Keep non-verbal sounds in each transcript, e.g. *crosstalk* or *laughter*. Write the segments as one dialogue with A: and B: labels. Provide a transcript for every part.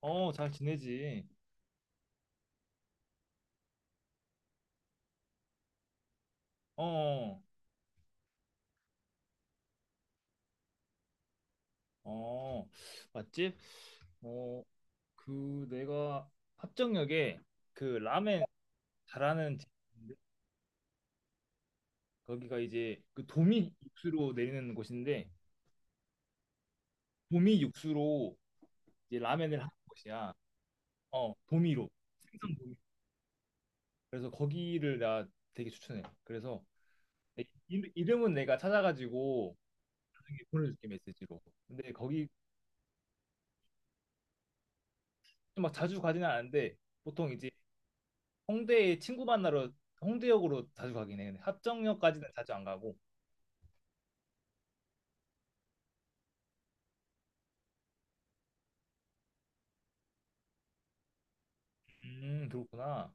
A: 어, 잘 지내지. 어, 어, 맛집? 어, 그 내가 합정역에 그 라멘 잘하는 집인데 거기가 이제 그 도미 육수로 내리는 곳인데 도미 육수로 이제 라멘을 하는 곳이야. 어, 도미로. 생선 도미. 그래서 거기를 나 되게 추천해. 그래서 내 이름은 내가 찾아가지고 나중에 보내줄게, 메시지로. 근데 거기 막 자주 가지는 않는데 보통 이제 홍대에 친구 만나러 홍대역으로 자주 가긴 해. 근데 합정역까지는 자주 안 가고. 그렇구나.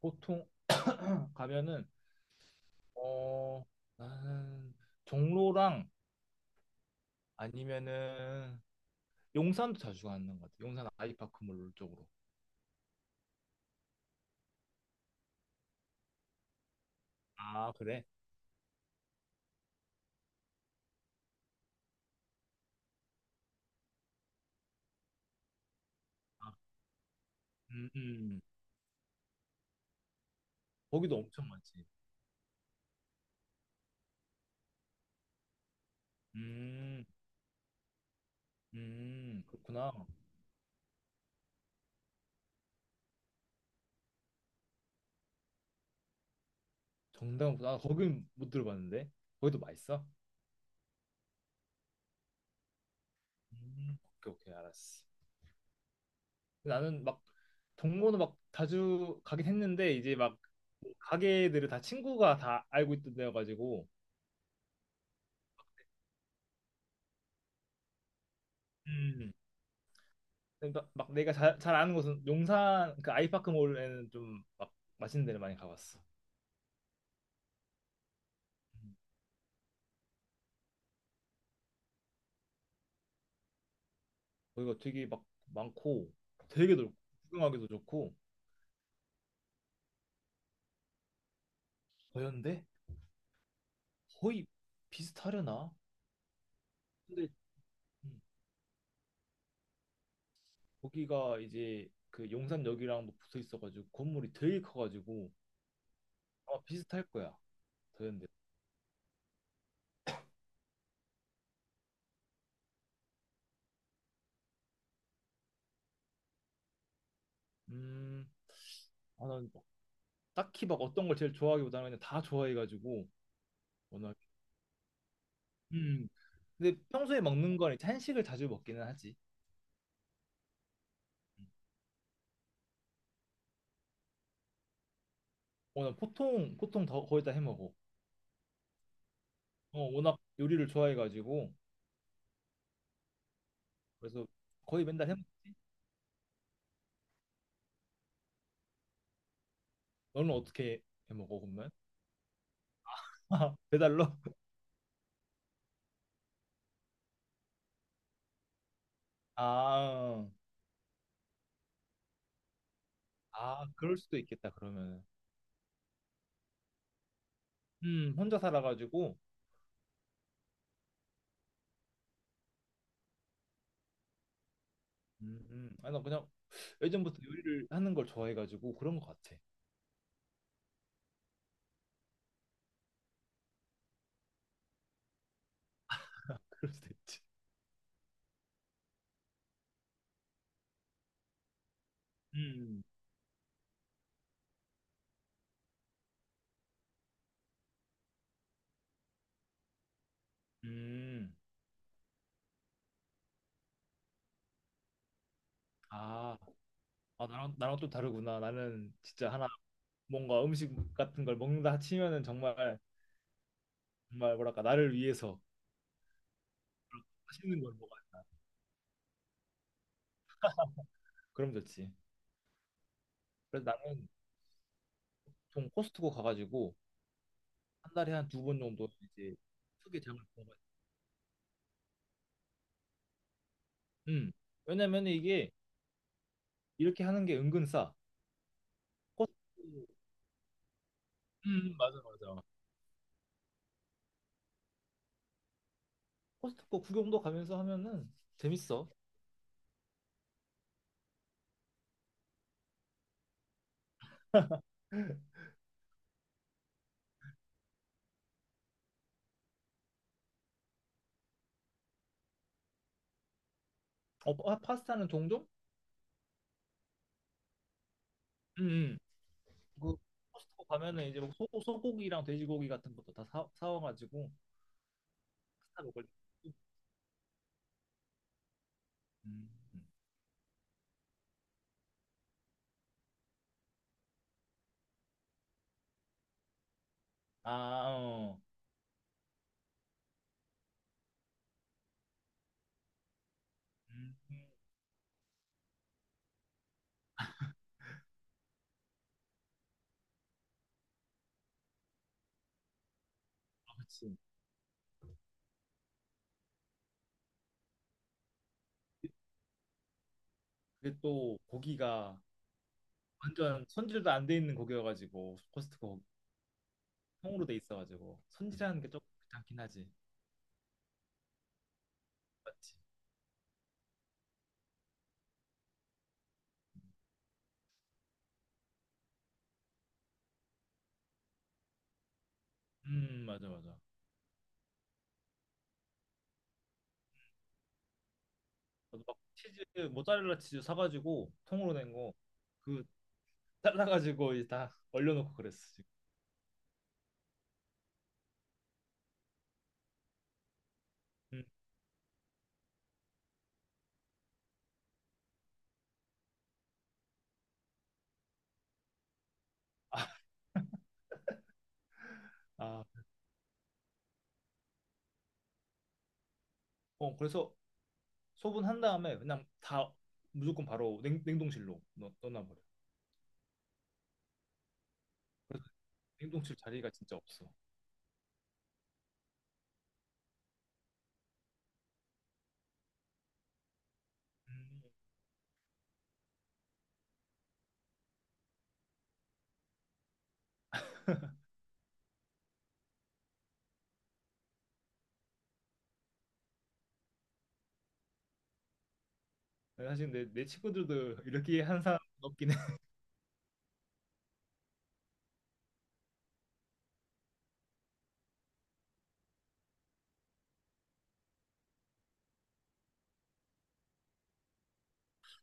A: 보통 가면은, 어 나는 종로랑 아니면은 용산도 자주 가는 것 같아. 용산 아이파크몰 쪽으로. 아, 그래? 아, 음, 음. 거기도 엄청 많지. 음, 그렇구나. 정당보다, 아, 거긴 못 들어봤는데. 거기도 맛있어? 오케이, 오케이, 알았어. 나는 막 동호는 막 자주 가긴 했는데 이제 막 가게들을 다 친구가 다 알고 있던 데여가지고, 음, 막 내가 잘 아는 곳은 용산 그 아이파크몰에는 좀 막 맛있는 데를 많이 가봤어. 음. 거기가 되게 막 많고 되게 넓고 구경하기도 좋고, 거였는데 거의 비슷하려나? 근데 음, 거기가 이제 그 용산역이랑 뭐 붙어 있어가지고 건물이 되게 커가지고 아마 비슷할 거야, 더현대. 음 아, 난 딱히 막 어떤 걸 제일 좋아하기보다는 그냥 다 좋아해가지고, 워낙. 음 근데 평소에 먹는 건 이제 한식을 자주 먹기는 하지. 음. 어, 난 보통 더 거의 다 해먹어. 어, 워낙 요리를 좋아해가지고. 그래서 거의 맨날 해먹지. 너는 어떻게 해먹어, 그러면? *laughs* 배달로? 아, 아, 그럴 수도 있겠다, 그러면은. 혼자 살아가지고. 아나 그냥 예전부터 요리를 하는 걸 좋아해가지고 그런 것 같아. *laughs* 그럴 수도 있지. 음, 음. 아, 아, 나랑 또 다르구나. 나는 진짜 하나, 뭔가 음식 같은 걸 먹는다 치면은 정말, 정말 뭐랄까, 나를 위해서 맛있는 걸 먹어야 된다. 그럼 좋지. 그래서 나는 좀 코스트코 가가지고 한 달에 한 두 번 정도 이제 크게 장을 는거야. 음. 왜냐면 이게 이렇게 하는 게 은근 싸. 코스트코. 맞아, 맞아. 코스트코 구경도 가면서 하면은 재밌어. 어, 파스타는 종종? 음, 음. 그 코스트코 가면은 이제 뭐 소고기랑 돼지고기 같은 것도 다 사와가지고 파스타 먹을 때. 음, 음, 아, 어. 음. 음. 아, 그치. 그게 또 고기가 완전 손질도 안 돼 있는 고기여가지고, 코스트코 고기, 통으로 돼 있어가지고 손질하는 게 조금 귀찮긴 하지. 맞지? 맞아, 맞아. 저도 막 치즈, 모짜렐라 치즈 사가지고, 통으로 된 거 그 잘라가지고 이제 다 얼려놓고 그랬어 지금. 음. 아, 어, 그래서 소분한 다음에 그냥 다 무조건 바로 냉동실로 넣어놔버려. 냉동실 자리가 진짜 없어. 음. 사실 내 친구들도 *laughs* 이렇게 한 사람 없긴 해. *laughs*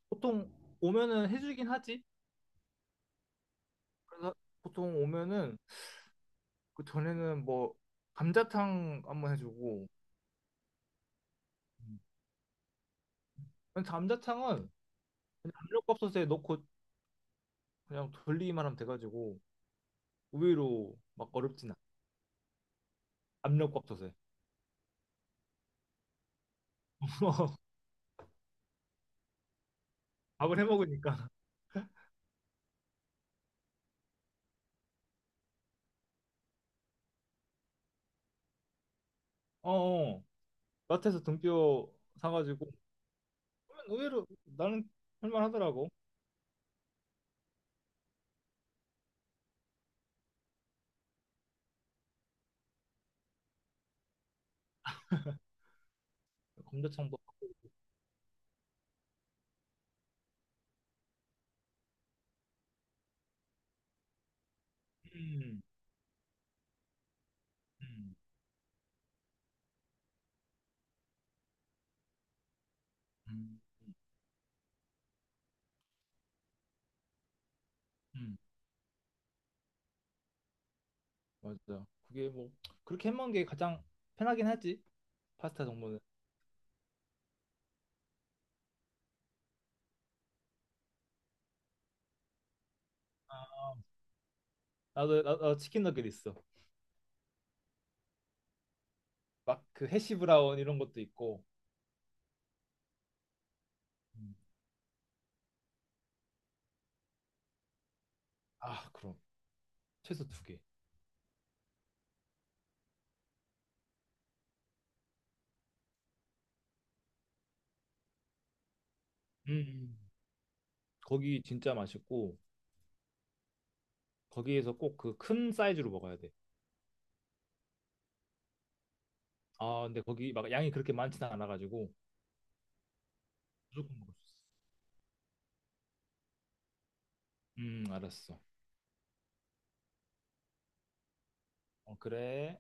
A: 보통 오면은 해주긴 하지. 그래서 보통 오면은, 그 전에는 뭐 감자탕 한번 해주고. 음. 근데 감자탕은 그냥 압력밥솥에 넣고 그냥 돌리기만 하면 돼가지고 의외로 막 어렵진 않아. 압력밥솥에. *laughs* 밥을 해 먹으니까. 어, 어. 마트에서 등뼈 사가지고, 그러면 의외로 나는 할만하더라고. 감자탕도. 음, 음, 음, 음. 맞아. 그게 뭐, 그렇게 해 먹는 게 가장 편하긴 하지. 파스타 정도는. 아, 나도, 나 치킨 너겟 있어. 막 그 해시 브라운 이런 것도 있고. 음. 아, 그럼 최소 두 개. 음. 음. 거기 진짜 맛있고, 거기에서 꼭 그 큰 사이즈로 먹어야 돼. 아, 근데 거기 막 양이 그렇게 많지는 않아가지고 무조건 먹을 수 있어. 알았어. 어, 그래.